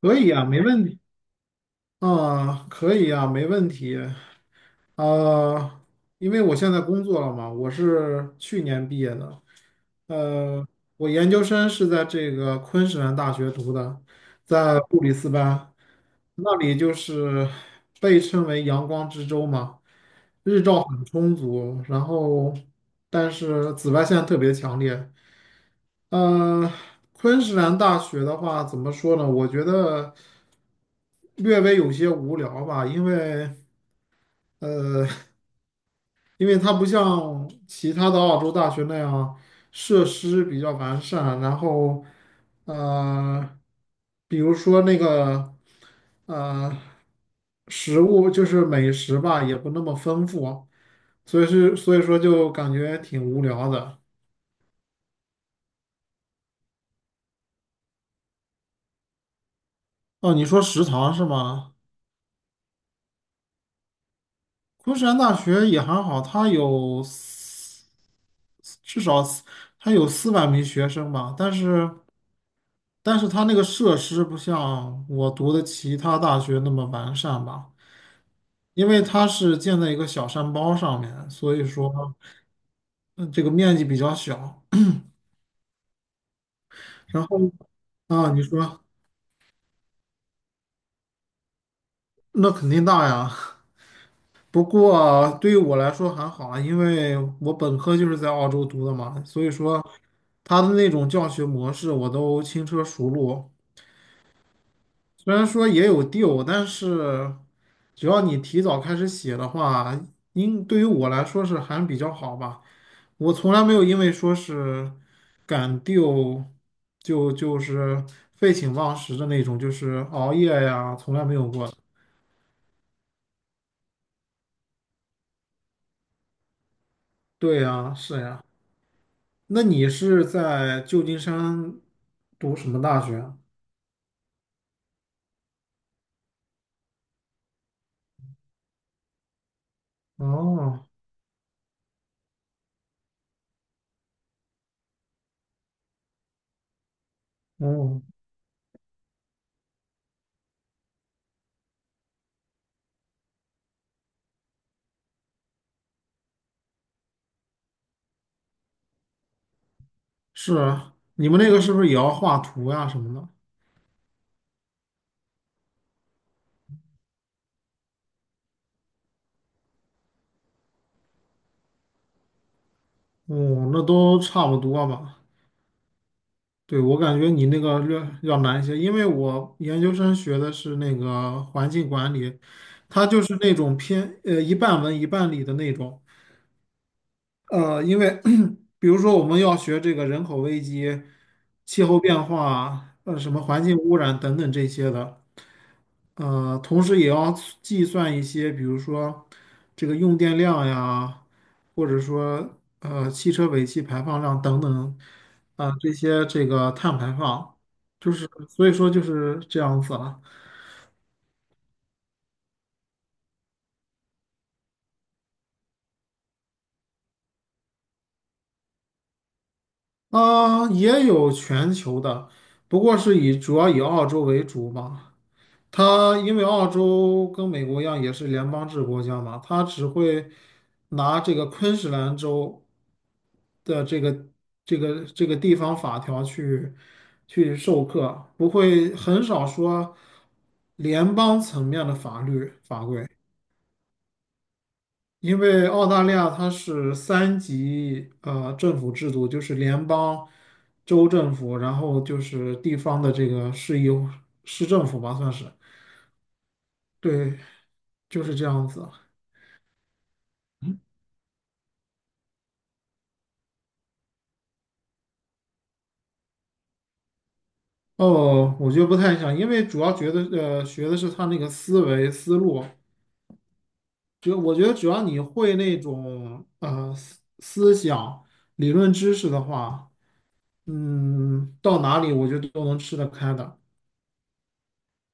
可以啊，没问题啊，可以啊，没问题啊，因为我现在工作了嘛，我是去年毕业的。呃，我研究生是在这个昆士兰大学读的，在布里斯班。那里就是被称为阳光之州嘛，日照很充足，然后但是紫外线特别强烈。呃，昆士兰大学的话，怎么说呢？我觉得略微有些无聊吧。因为呃，因为它不像其他的澳洲大学那样设施比较完善，然后呃，比如说那个呃，食物就是美食吧，也不那么丰富，所以说就感觉挺无聊的。哦，你说食堂是吗？昆山大学也还好，至少四它有400名学生吧。但是它那个设施不像我读的其他大学那么完善吧，因为它是建在一个小山包上面，所以说嗯这个面积比较小。然后啊，你说，那肯定大呀。不过对于我来说还好啊，因为我本科就是在澳洲读的嘛，所以说。他的那种教学模式我都轻车熟路。虽然说也有 deal，但是只要你提早开始写的话，应对于我来说是还比较好吧。我从来没有因为说是赶 d e 就就是废寝忘食的那种，就是熬夜呀，从来没有过。对呀，是呀。那你是在旧金山读什么大学啊？哦，哦，是啊，你们那个是不是也要画图呀什么的？哦，那都差不多吧。对，我感觉你那个略要难一些，因为我研究生学的是那个环境管理，它就是那种偏一半文一半理的那种。因为 比如说我们要学这个人口危机、气候变化、什么环境污染等等这些的。同时也要计算一些，比如说这个用电量呀，或者说汽车尾气排放量等等。啊，这个碳排放，就是所以说就是这样子了。啊，也有全球的，不过是以主要以澳洲为主嘛。他因为澳洲跟美国一样也是联邦制国家嘛，他只会拿这个昆士兰州的这个地方法条去授课，不会很少说联邦层面的法律法规。因为澳大利亚它是三级政府制度，就是联邦、州政府，然后就是地方的这个市政府吧，算是。对，就是这样子。哦，我觉得不太想，因为主要觉得学的是他那个思维思路。我觉得只要你会那种思想理论知识的话，嗯，到哪里我觉得都能吃得开的。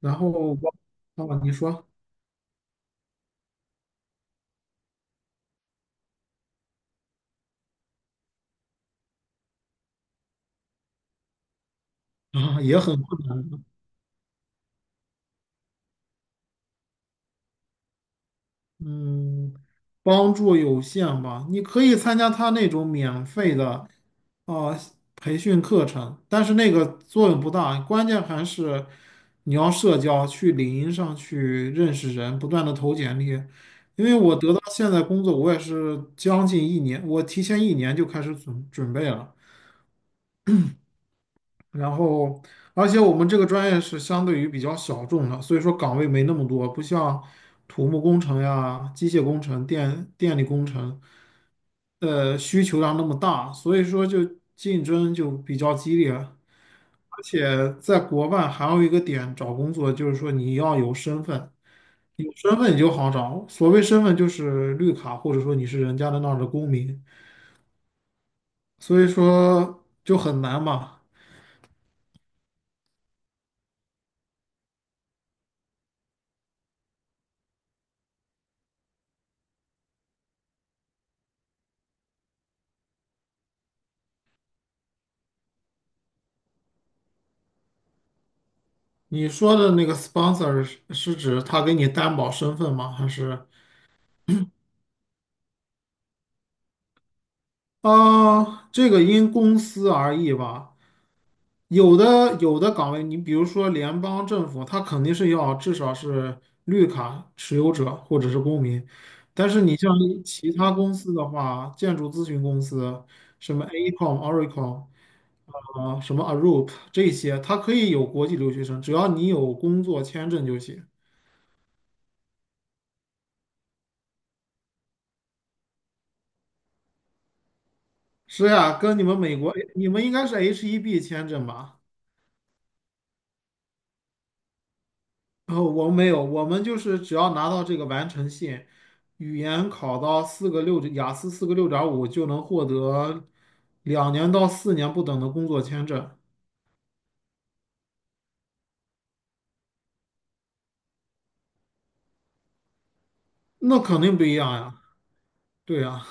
然后我啊，你说，啊，嗯，帮助有限吧。你可以参加他那种免费的啊培训课程，但是那个作用不大，关键还是你要社交，去领英上去认识人，不断的投简历。因为我得到现在工作，我也是将近一年，我提前一年就开始准备了。然后，而且我们这个专业是相对于比较小众的，所以说岗位没那么多，不像土木工程呀、机械工程、电力工程，需求量那么大，所以说就竞争就比较激烈。而且在国外还有一个点找工作，就是说你要有身份。有身份你就好找。所谓身份就是绿卡，或者说你是人家的那儿的公民，所以说就很难嘛。你说的那个 sponsor 是指他给你担保身份吗？啊，这个因公司而异吧。有的岗位，你比如说联邦政府，他肯定是要至少是绿卡持有者或者是公民。但是你像其他公司的话，建筑咨询公司，什么 AECOM、Oracle 啊，什么 Arup 这些，它可以有国际留学生，只要你有工作签证就行。是呀。跟你们美国，你们应该是 H1B 签证吧？哦，我们没有，我们就是只要拿到这个完成信，语言考到四个六，雅思四个六点五就能获得2年到4年不等的工作签证。那肯定不一样呀。对呀。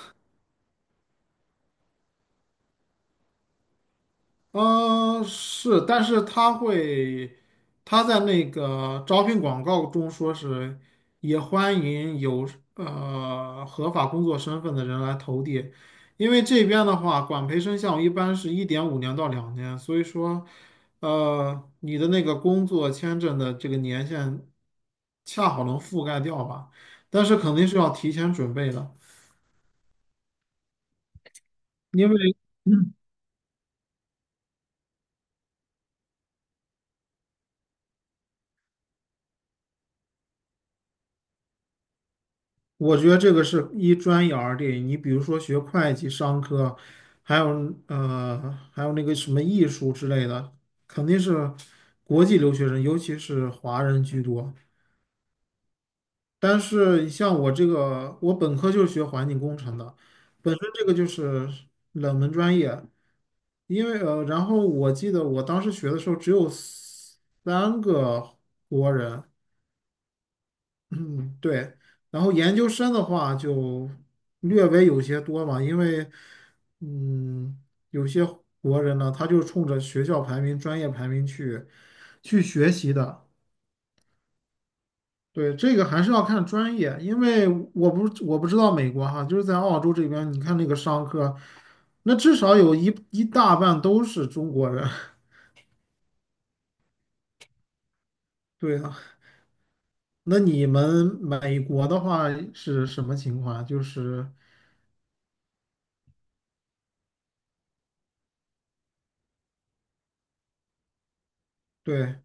嗯，是，但是他会，他在那个招聘广告中说是也欢迎有合法工作身份的人来投递。因为这边的话，管培生项目一般是1.5年到2年，所以说，你的那个工作签证的这个年限恰好能覆盖掉吧，但是肯定是要提前准备的。因为我觉得这个是一专业而定。你比如说学会计、商科，还有还有那个什么艺术之类的，肯定是国际留学生，尤其是华人居多。但是像我这个，我本科就是学环境工程的，本身这个就是冷门专业。因为然后我记得我当时学的时候只有三个国人，嗯，对。然后研究生的话就略微有些多嘛，因为嗯，有些国人呢，他就冲着学校排名、专业排名去学习的。对，这个还是要看专业，因为我不知道美国哈，就是在澳洲这边，你看那个商科，那至少有一大半都是中国人。对啊。那你们美国的话是什么情况啊？就是对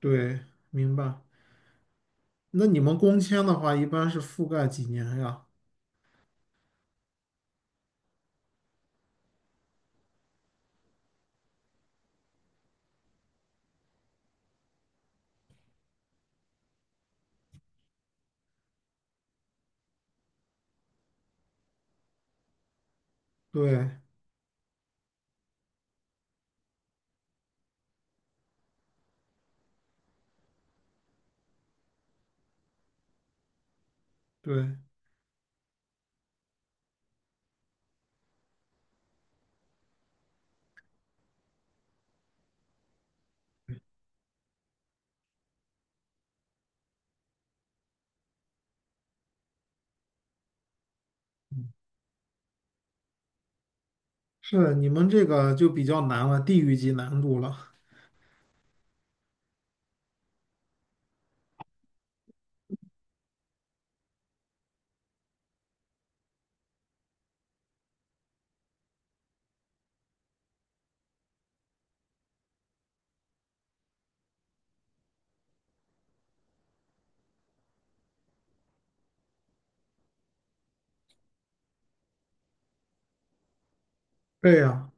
对，明白。那你们工签的话，一般是覆盖几年呀？对对，是你们这个就比较难了，地域级难度了。对呀。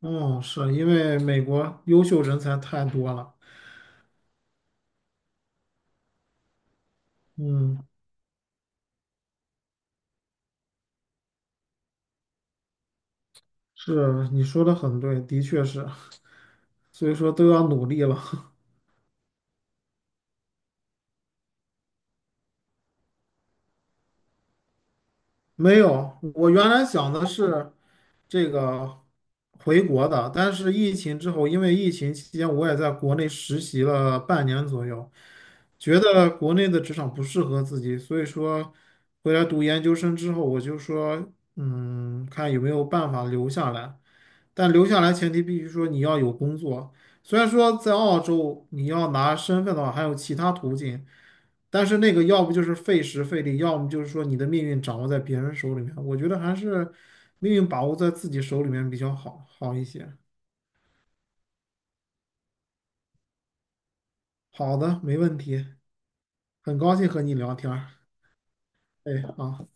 嗯，是因为美国优秀人才太多了。嗯，是你说的很对，的确是，所以说都要努力了。没有，我原来想的是这个回国的，但是疫情之后，因为疫情期间我也在国内实习了半年左右。觉得国内的职场不适合自己，所以说回来读研究生之后，我就说，嗯，看有没有办法留下来。但留下来前提必须说你要有工作。虽然说在澳洲你要拿身份的话，还有其他途径，但是那个要不就是费时费力，要么就是说你的命运掌握在别人手里面。我觉得还是命运把握在自己手里面比较好一些。好的，没问题，很高兴和你聊天儿。哎，好。